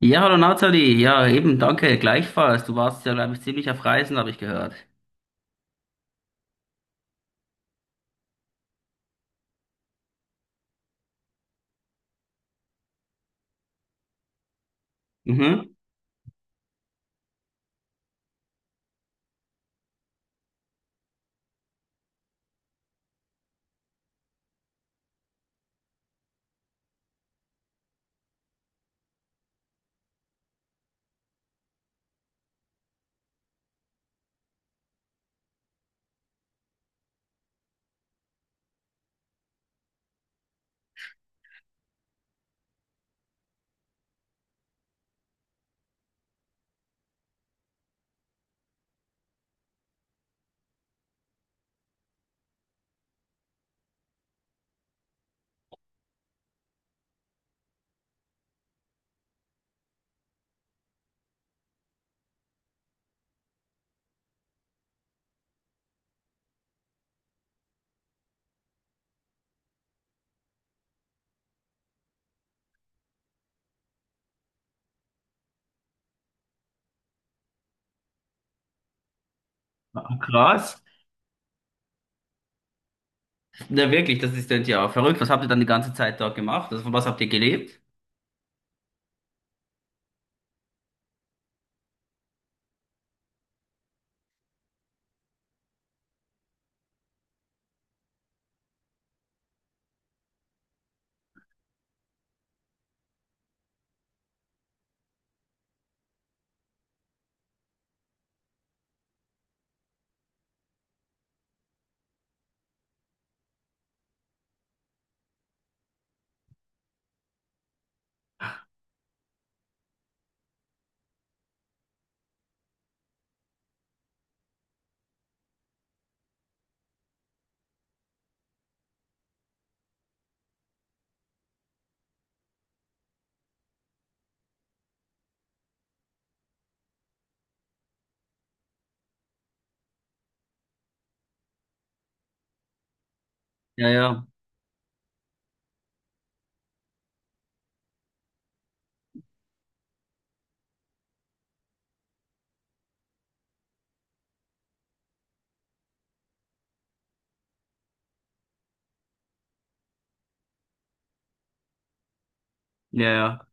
Ja, hallo Nathalie. Ja, eben, danke, gleichfalls. Du warst ja, glaube ich, ziemlich auf Reisen, habe ich gehört. Mhm. Ah, krass. Na wirklich, das ist denn ja verrückt. Was habt ihr dann die ganze Zeit dort gemacht? Also, von was habt ihr gelebt? Ja, ja, ja, ja.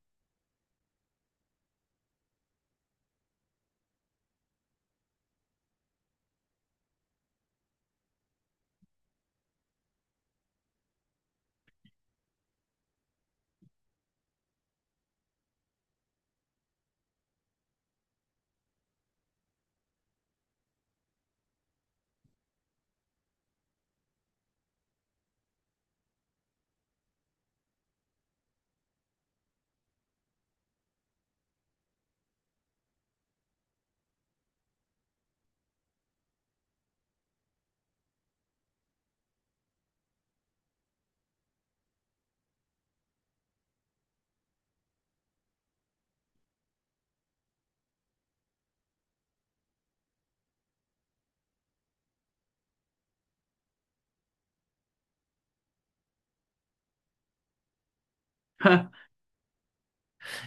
Ha.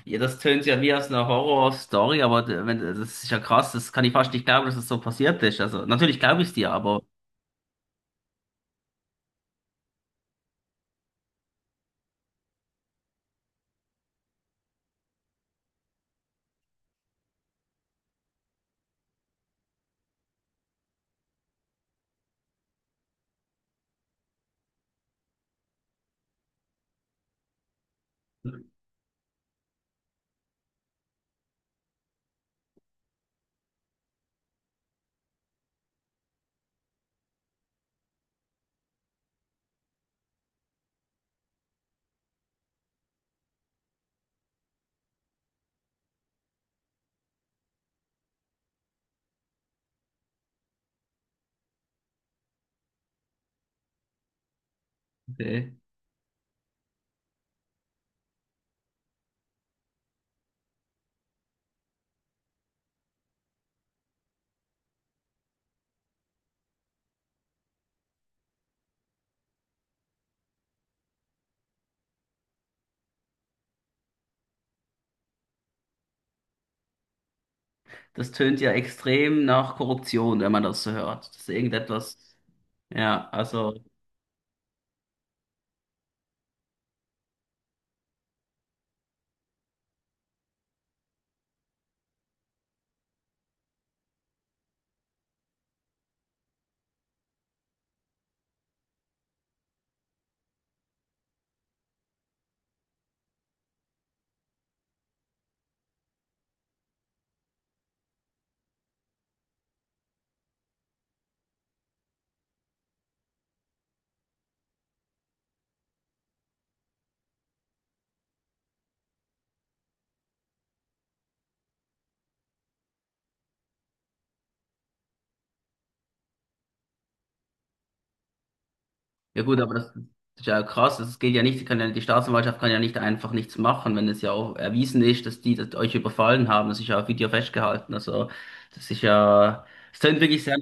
Ja, das tönt ja wie aus einer Horror-Story, aber d- wenn, das ist ja krass. Das kann ich fast nicht glauben, dass das so passiert ist. Also, natürlich glaube ich es dir, aber okay. Das tönt ja extrem nach Korruption, wenn man das so hört. Das ist irgendetwas, ja, also. Ja gut, aber das ist ja krass. Das geht ja nicht, die kann ja, die Staatsanwaltschaft kann ja nicht einfach nichts machen, wenn es ja auch erwiesen ist, dass die das euch überfallen haben. Das ist ja auf Video festgehalten. Also das ist ja, es klingt wirklich sehr,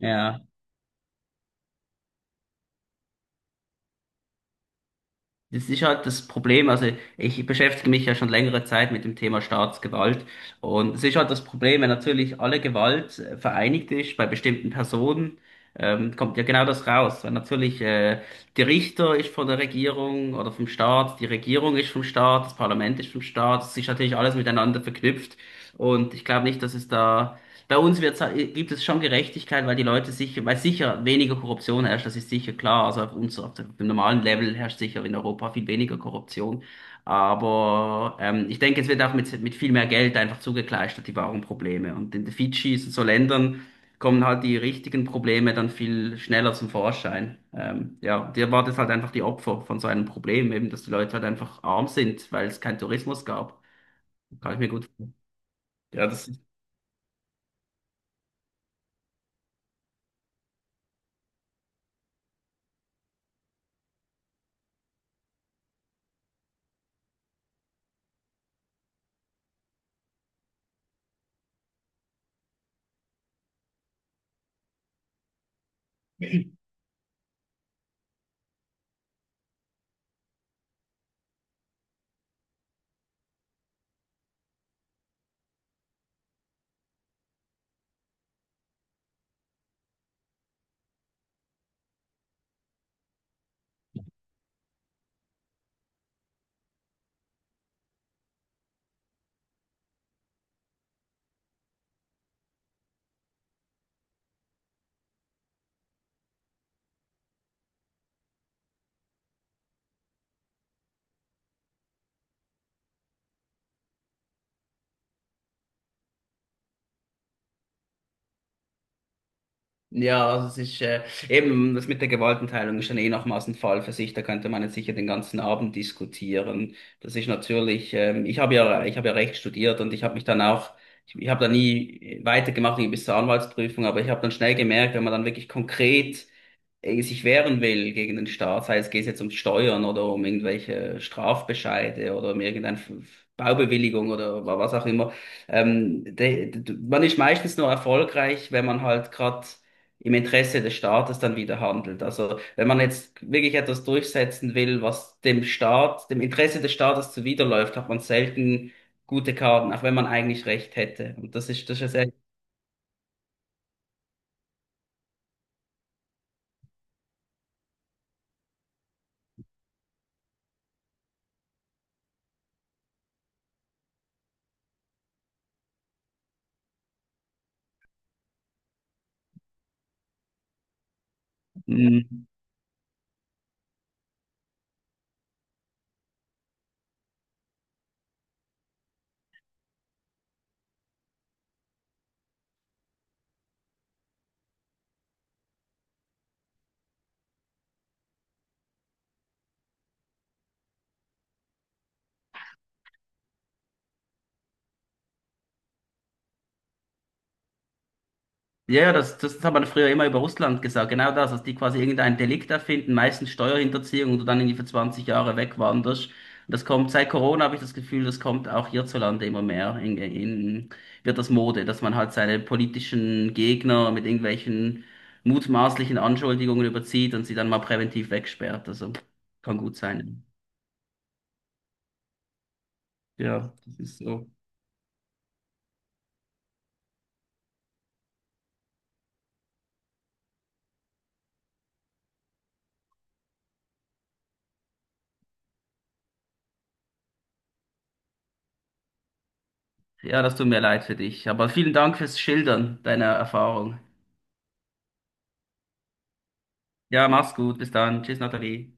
ja. Das ist halt das Problem. Also ich beschäftige mich ja schon längere Zeit mit dem Thema Staatsgewalt. Und es ist halt das Problem, wenn natürlich alle Gewalt vereinigt ist bei bestimmten Personen, kommt ja genau das raus. Weil natürlich der Richter ist von der Regierung oder vom Staat, die Regierung ist vom Staat, das Parlament ist vom Staat. Es ist natürlich alles miteinander verknüpft. Und ich glaube nicht, dass es da bei uns gibt es schon Gerechtigkeit, weil die Leute sicher, weil sicher weniger Korruption herrscht, das ist sicher klar. Also auf uns, auf dem normalen Level herrscht sicher in Europa viel weniger Korruption. Aber ich denke, es wird auch mit viel mehr Geld einfach zugekleistert, die wahren Probleme. Und in den Fidschis und so Ländern kommen halt die richtigen Probleme dann viel schneller zum Vorschein. Ja, dir war das halt einfach die Opfer von so einem Problem, eben, dass die Leute halt einfach arm sind, weil es keinen Tourismus gab. Kann ich mir gut vorstellen. Ja, das. Ja, also es ist eben das mit der Gewaltenteilung ist dann eh nochmals ein Fall für sich. Da könnte man jetzt sicher den ganzen Abend diskutieren. Das ist natürlich, ich habe ja Recht studiert und ich habe mich dann auch, ich habe da nie weitergemacht irgendwie bis zur Anwaltsprüfung, aber ich habe dann schnell gemerkt, wenn man dann wirklich konkret sich wehren will gegen den Staat, sei es geht jetzt um Steuern oder um irgendwelche Strafbescheide oder um irgendeine Baubewilligung oder was auch immer. Man ist meistens nur erfolgreich, wenn man halt gerade im Interesse des Staates dann wieder handelt. Also wenn man jetzt wirklich etwas durchsetzen will, was dem Staat, dem Interesse des Staates zuwiderläuft, hat man selten gute Karten, auch wenn man eigentlich recht hätte. Und das ist ja sehr. Ja, ja, das hat man früher immer über Russland gesagt, genau das, dass die quasi irgendein Delikt erfinden, meistens Steuerhinterziehung und du dann irgendwie für 20 Jahre wegwanderst. Und das kommt, seit Corona habe ich das Gefühl, das kommt auch hierzulande immer mehr. Wird das Mode, dass man halt seine politischen Gegner mit irgendwelchen mutmaßlichen Anschuldigungen überzieht und sie dann mal präventiv wegsperrt. Also kann gut sein. Ja, das ist so. Ja, das tut mir leid für dich. Aber vielen Dank fürs Schildern deiner Erfahrung. Ja, mach's gut. Bis dann. Tschüss, Nathalie.